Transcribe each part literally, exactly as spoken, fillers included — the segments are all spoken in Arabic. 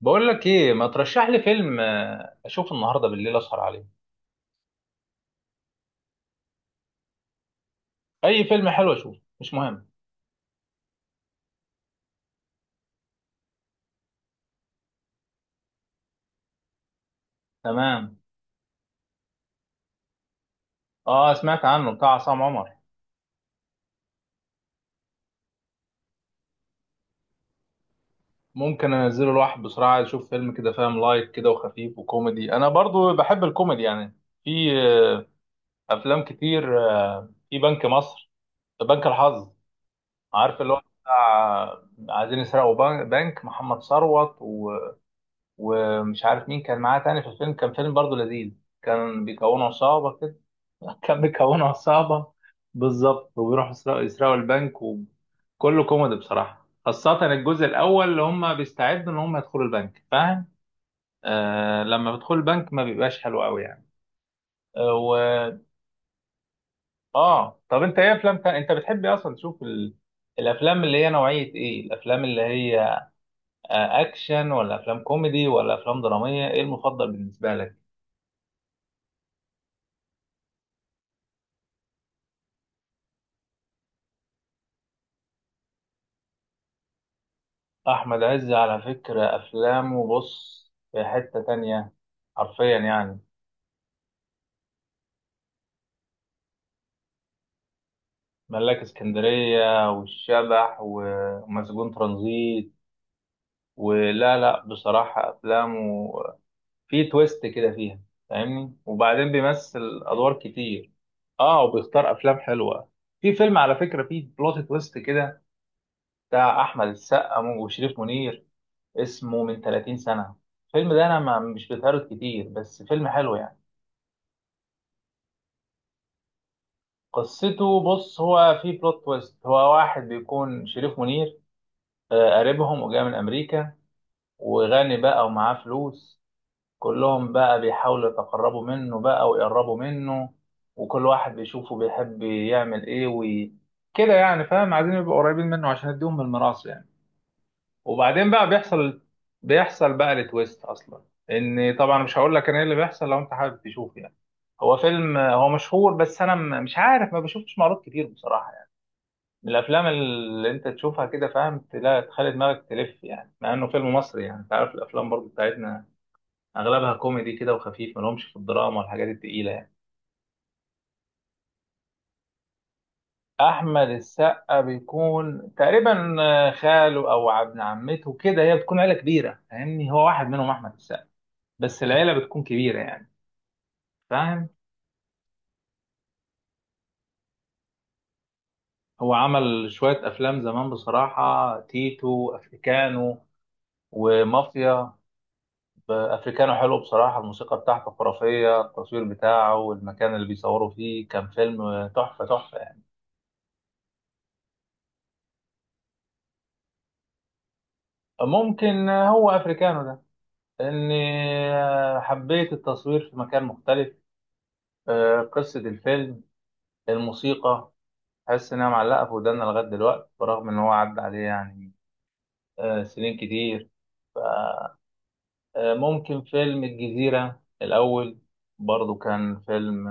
بقول لك ايه، ما ترشح لي فيلم آه، اشوفه النهارده بالليل، اسهر عليه. اي فيلم حلو اشوفه، مش مهم. تمام. اه، سمعت عنه، بتاع عصام عمر. ممكن انزله الواحد بسرعه، عايز اشوف فيلم كده فاهم، لايت كده وخفيف وكوميدي، انا برضو بحب الكوميدي يعني. في آه، افلام كتير، آه، في بنك مصر، بنك الحظ، عارف اللي هو، بتاع آه، عايزين يسرقوا بنك بنك محمد ثروت و... ومش عارف مين كان معاه تاني في الفيلم، كان فيلم برضو لذيذ. كان بيكونوا عصابه كده، كان بيكونوا عصابة بالظبط، وبيروحوا يسرقوا يسرقوا البنك، وكله كوميدي بصراحة، خاصة الجزء الأول اللي هم بيستعدوا إن هم يدخلوا البنك، فاهم؟ آه، لما بيدخلوا البنك ما بيبقاش حلو أوي يعني. آه و... آه، طب أنت إيه أفلام تانية؟ أنت بتحب إيه أصلا تشوف ال... الأفلام اللي هي نوعية إيه؟ الأفلام اللي هي آه، أكشن ولا أفلام كوميدي ولا أفلام درامية؟ إيه المفضل بالنسبة لك؟ أحمد عز على فكرة أفلامه بص في حتة تانية، حرفيا يعني. ملاك اسكندرية والشبح ومسجون ترانزيت، ولا لا، بصراحة أفلامه في تويست كده فيها، فاهمني، وبعدين بيمثل أدوار كتير، آه، وبيختار أفلام حلوة. في فيلم على فكرة فيه بلوت تويست كده، بتاع أحمد السقا وشريف منير، اسمه من 30 سنة، الفيلم ده، أنا ما مش بتهرج كتير بس فيلم حلو يعني. قصته بص، هو فيه بلوت تويست، هو واحد بيكون شريف منير آه، قريبهم وجاي من أمريكا، وغني بقى ومعاه فلوس، كلهم بقى بيحاولوا يتقربوا منه بقى ويقربوا منه، وكل واحد بيشوفه بيحب يعمل ايه وي... كده يعني فاهم، عايزين يبقوا قريبين منه عشان يديهم من الميراث يعني. وبعدين بقى بيحصل، بيحصل بقى التويست اصلا، ان طبعا مش هقول لك انا ايه اللي بيحصل لو انت حابب تشوف يعني. هو فيلم، هو مشهور بس انا م- مش عارف، ما بشوفش معروض كتير بصراحة يعني. من الافلام اللي انت تشوفها كده فاهم، تلاقي تخلي دماغك تلف يعني، مع انه فيلم مصري، يعني انت عارف الافلام برضو بتاعتنا اغلبها كوميدي كده وخفيف، ملهمش في الدراما والحاجات التقيله يعني. احمد السقا بيكون تقريبا آه، خاله او ابن عمته كده، هي بتكون عيله كبيره فاهمني، هو واحد منهم احمد السقا، بس العيله بتكون كبيره يعني، فاهم. هو عمل شويه افلام زمان بصراحه، تيتو، افريكانو ومافيا. ب- افريكانو حلو بصراحه، الموسيقى بتاعته خرافيه، التصوير بتاعه والمكان اللي بيصوروا فيه، كان فيلم آه، تحفه تحفه يعني. ممكن آه، هو افريكانو ده، إني آه، حبيت التصوير في مكان مختلف، آه، قصة الفيلم، الموسيقى، حاسس إنها معلقة في ودانا لغاية دلوقتي، برغم إن هو عدى عليه يعني آه، سنين كتير. آه، ممكن فيلم الجزيرة الأول، برضو كان فيلم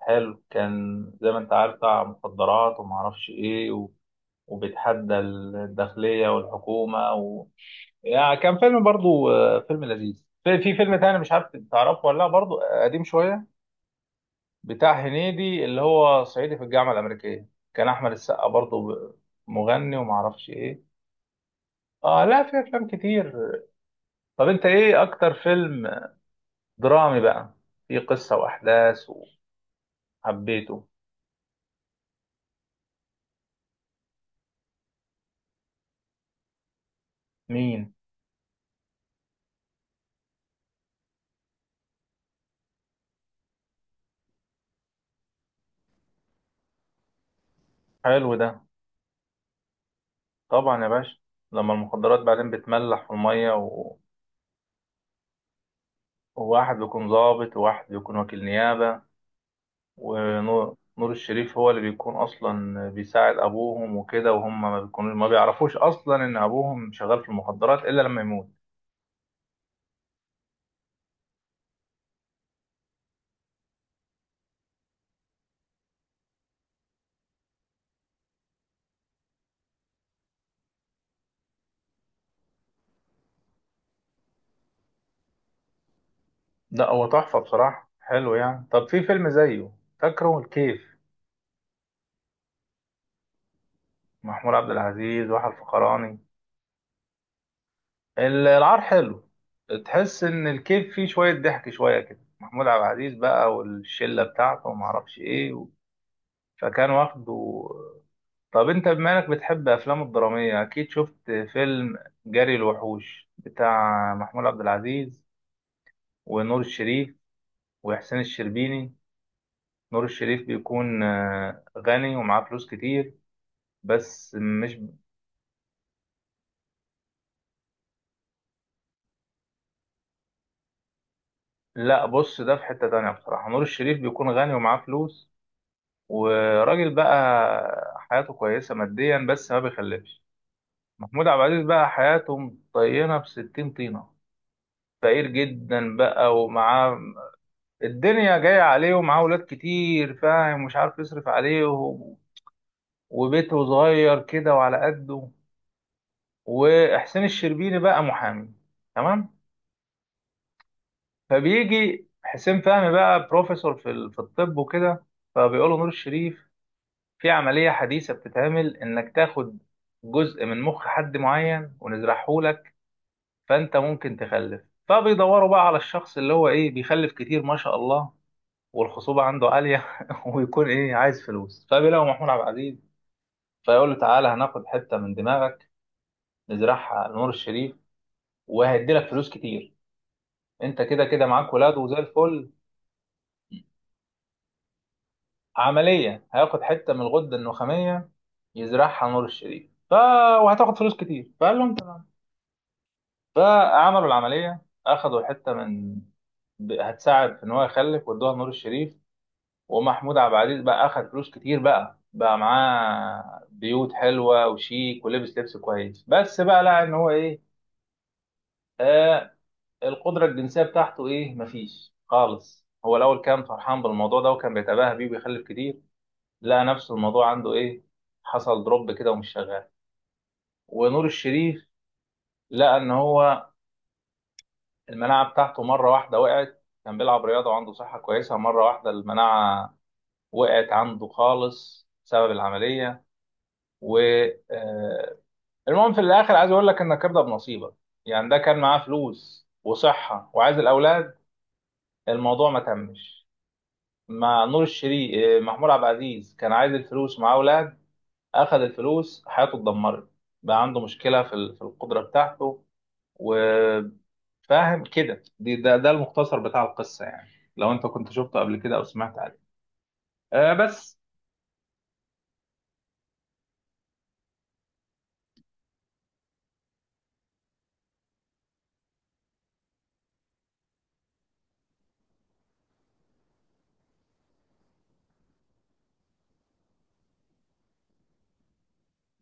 حلو، كان زي ما أنت عارف، بتاع مخدرات ومعرفش إيه و... وبيتحدى الداخلية والحكومة و... يعني كان فيلم برضو، آه، فيلم لذيذ. في في فيلم تاني مش عارف تعرفه ولا لا، برضو آه، قديم شوية، بتاع هنيدي اللي هو صعيدي في الجامعة الأمريكية، كان أحمد السقا برضه ب- مغني ومعرفش إيه. آه لا، في أفلام كتير. طب أنت إيه أكتر فيلم درامي بقى، فيه قصة وأحداث وحبيته؟ مين؟ حلو ده. طبعا يا باشا، لما المخدرات بعدين بتملح في المية و... وواحد بيكون ضابط وواحد بيكون وكيل نيابة، ونور نور الشريف هو اللي بيكون اصلا بيساعد ابوهم وكده، وهم ما بيكونوا ما بيعرفوش اصلا ان ابوهم شغال في المخدرات، الا لما يموت. ده هو تحفه بصراحه، حلو يعني. طب في فيلم زيه، فاكره الكيف؟ محمود عبد العزيز وحى الفخراني. ال- العار حلو، تحس ان الكيف فيه شويه ضحك شويه كده، محمود عبد العزيز بقى والشله بتاعته وما اعرفش ايه، فكان واخده. طب انت بما انك بتحب افلام الدرامية، اكيد شفت فيلم جري الوحوش بتاع محمود عبد العزيز ونور الشريف وحسين الشربيني. نور الشريف بيكون آه، غني ومعاه فلوس كتير، بس مش... لا بص، ده في حتة تانية بصراحة. نور الشريف بيكون غني ومعاه فلوس، وراجل بقى حياته كويسة ماديا بس ما بيخلفش. محمود عبد العزيز بقى حياته مطينة بستين طينة، فقير جدا بقى ومعاه، الدنيا جاية عليه ومعاه ولاد كتير فاهم، مش عارف يصرف عليهم، وبيته صغير كده وعلى قده. وحسين الشربيني بقى محامي، تمام. فبيجي حسين فهمي بقى بروفيسور في ال- في الطب وكده، فبيقول له نور الشريف: في عملية حديثة بتتعمل انك تاخد جزء من مخ حد معين ونزرعه لك، فانت ممكن تخلف. فبيدوروا بقى على الشخص اللي هو ايه، بيخلف كتير ما شاء الله، والخصوبة عنده عالية ويكون إيه، عايز فلوس، فبيلاقوا محمود عبد العزيز، فيقول له تعالى هناخد حتة من دماغك، نزرعها على نور الشريف وهيدي لك فلوس كتير، أنت كده كده معاك ولاد وزي الفل. عملية هياخد حتة من الغدة النخامية يزرعها على نور الشريف ف... وهتاخد فلوس كتير، فقال لهم تمام. فعملوا العملية، أخدوا الحتة من ب- هتساعد في إن هو يخلف، وادوها لنور الشريف، ومحمود عبد العزيز بقى اخد فلوس كتير، بقى بقى معاه بيوت حلوه وشيك، ولبس لبس كويس، بس بقى لقى ان هو ايه، آه، القدره الجنسيه بتاعته ايه، مفيش خالص. هو الاول كان فرحان بالموضوع ده وكان بيتباهى بيه وبيخلف كتير، لقى نفسه الموضوع عنده ايه، حصل دروب كده ومش شغال. ونور الشريف لقى ان هو المناعه بتاعته مره واحده وقعت، كان بيلعب رياضه وعنده صحه كويسه، مره واحده المناعه وقعت عنده خالص بسبب العمليه. و آه، المهم في الاخر، عايز اقول لك انك ارضى بنصيبك. يعني ده كان معاه فلوس وصحه وعايز الاولاد، الموضوع ما تمش مع نور الشريف. محمود عبد العزيز كان عايز الفلوس ومعاه اولاد، اخذ الفلوس حياته اتدمرت، بقى عنده مشكله في ال- في القدره بتاعته، وفاهم كده. دي ده, ده المختصر بتاع القصه يعني، لو انت كنت شفته قبل كده او سمعت عنه. أه بس.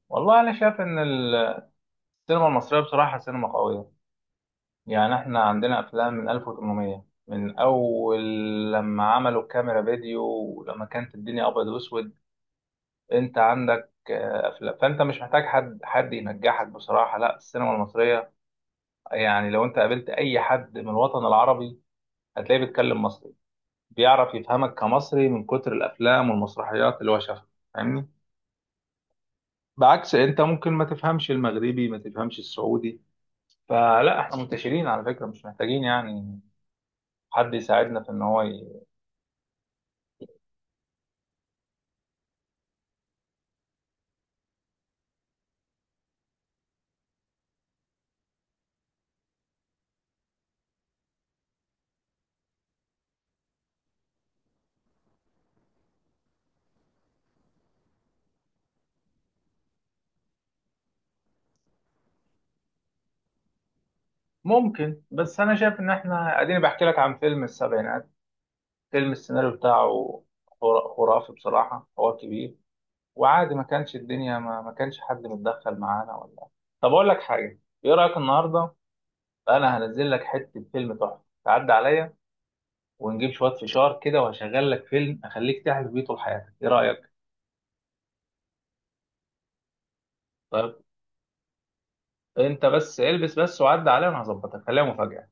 والله انا شايف ان السينما المصريه بصراحه سينما قويه، يعني احنا عندنا افلام من ألف وتمنمية، من اول لما عملوا الكاميرا فيديو، ولما كانت الدنيا ابيض واسود، انت عندك آه، افلام، فانت مش محتاج حد حد ينجحك بصراحه، لا السينما المصريه يعني. لو انت قابلت اي حد من الوطن العربي هتلاقيه بيتكلم مصري، بيعرف يفهمك كمصري من كتر الافلام والمسرحيات اللي هو شافها، فاهمني، بعكس انت ممكن ما تفهمش المغربي، ما تفهمش السعودي. فلا، احنا منتشرين على فكره، مش محتاجين يعني حد يساعدنا في ان هو... ممكن، بس انا شايف ان احنا اديني بحكي لك عن فيلم السبعينات، فيلم السيناريو بتاعه خرا- خرافي بصراحة، هو كبير وعادي، ما كانش الدنيا، ما, ما كانش حد متدخل معانا ولا. طب اقول لك حاجة، ايه رأيك النهاردة انا هنزل لك حتة، فيلم تحفة، تعدي عليا ونجيب شوية فشار كده وهشغل لك فيلم اخليك تعرف بيه طول حياتك، ايه رأيك؟ طيب، انت بس البس، بس وعدي عليا وانا هظبطك، خليها مفاجأة.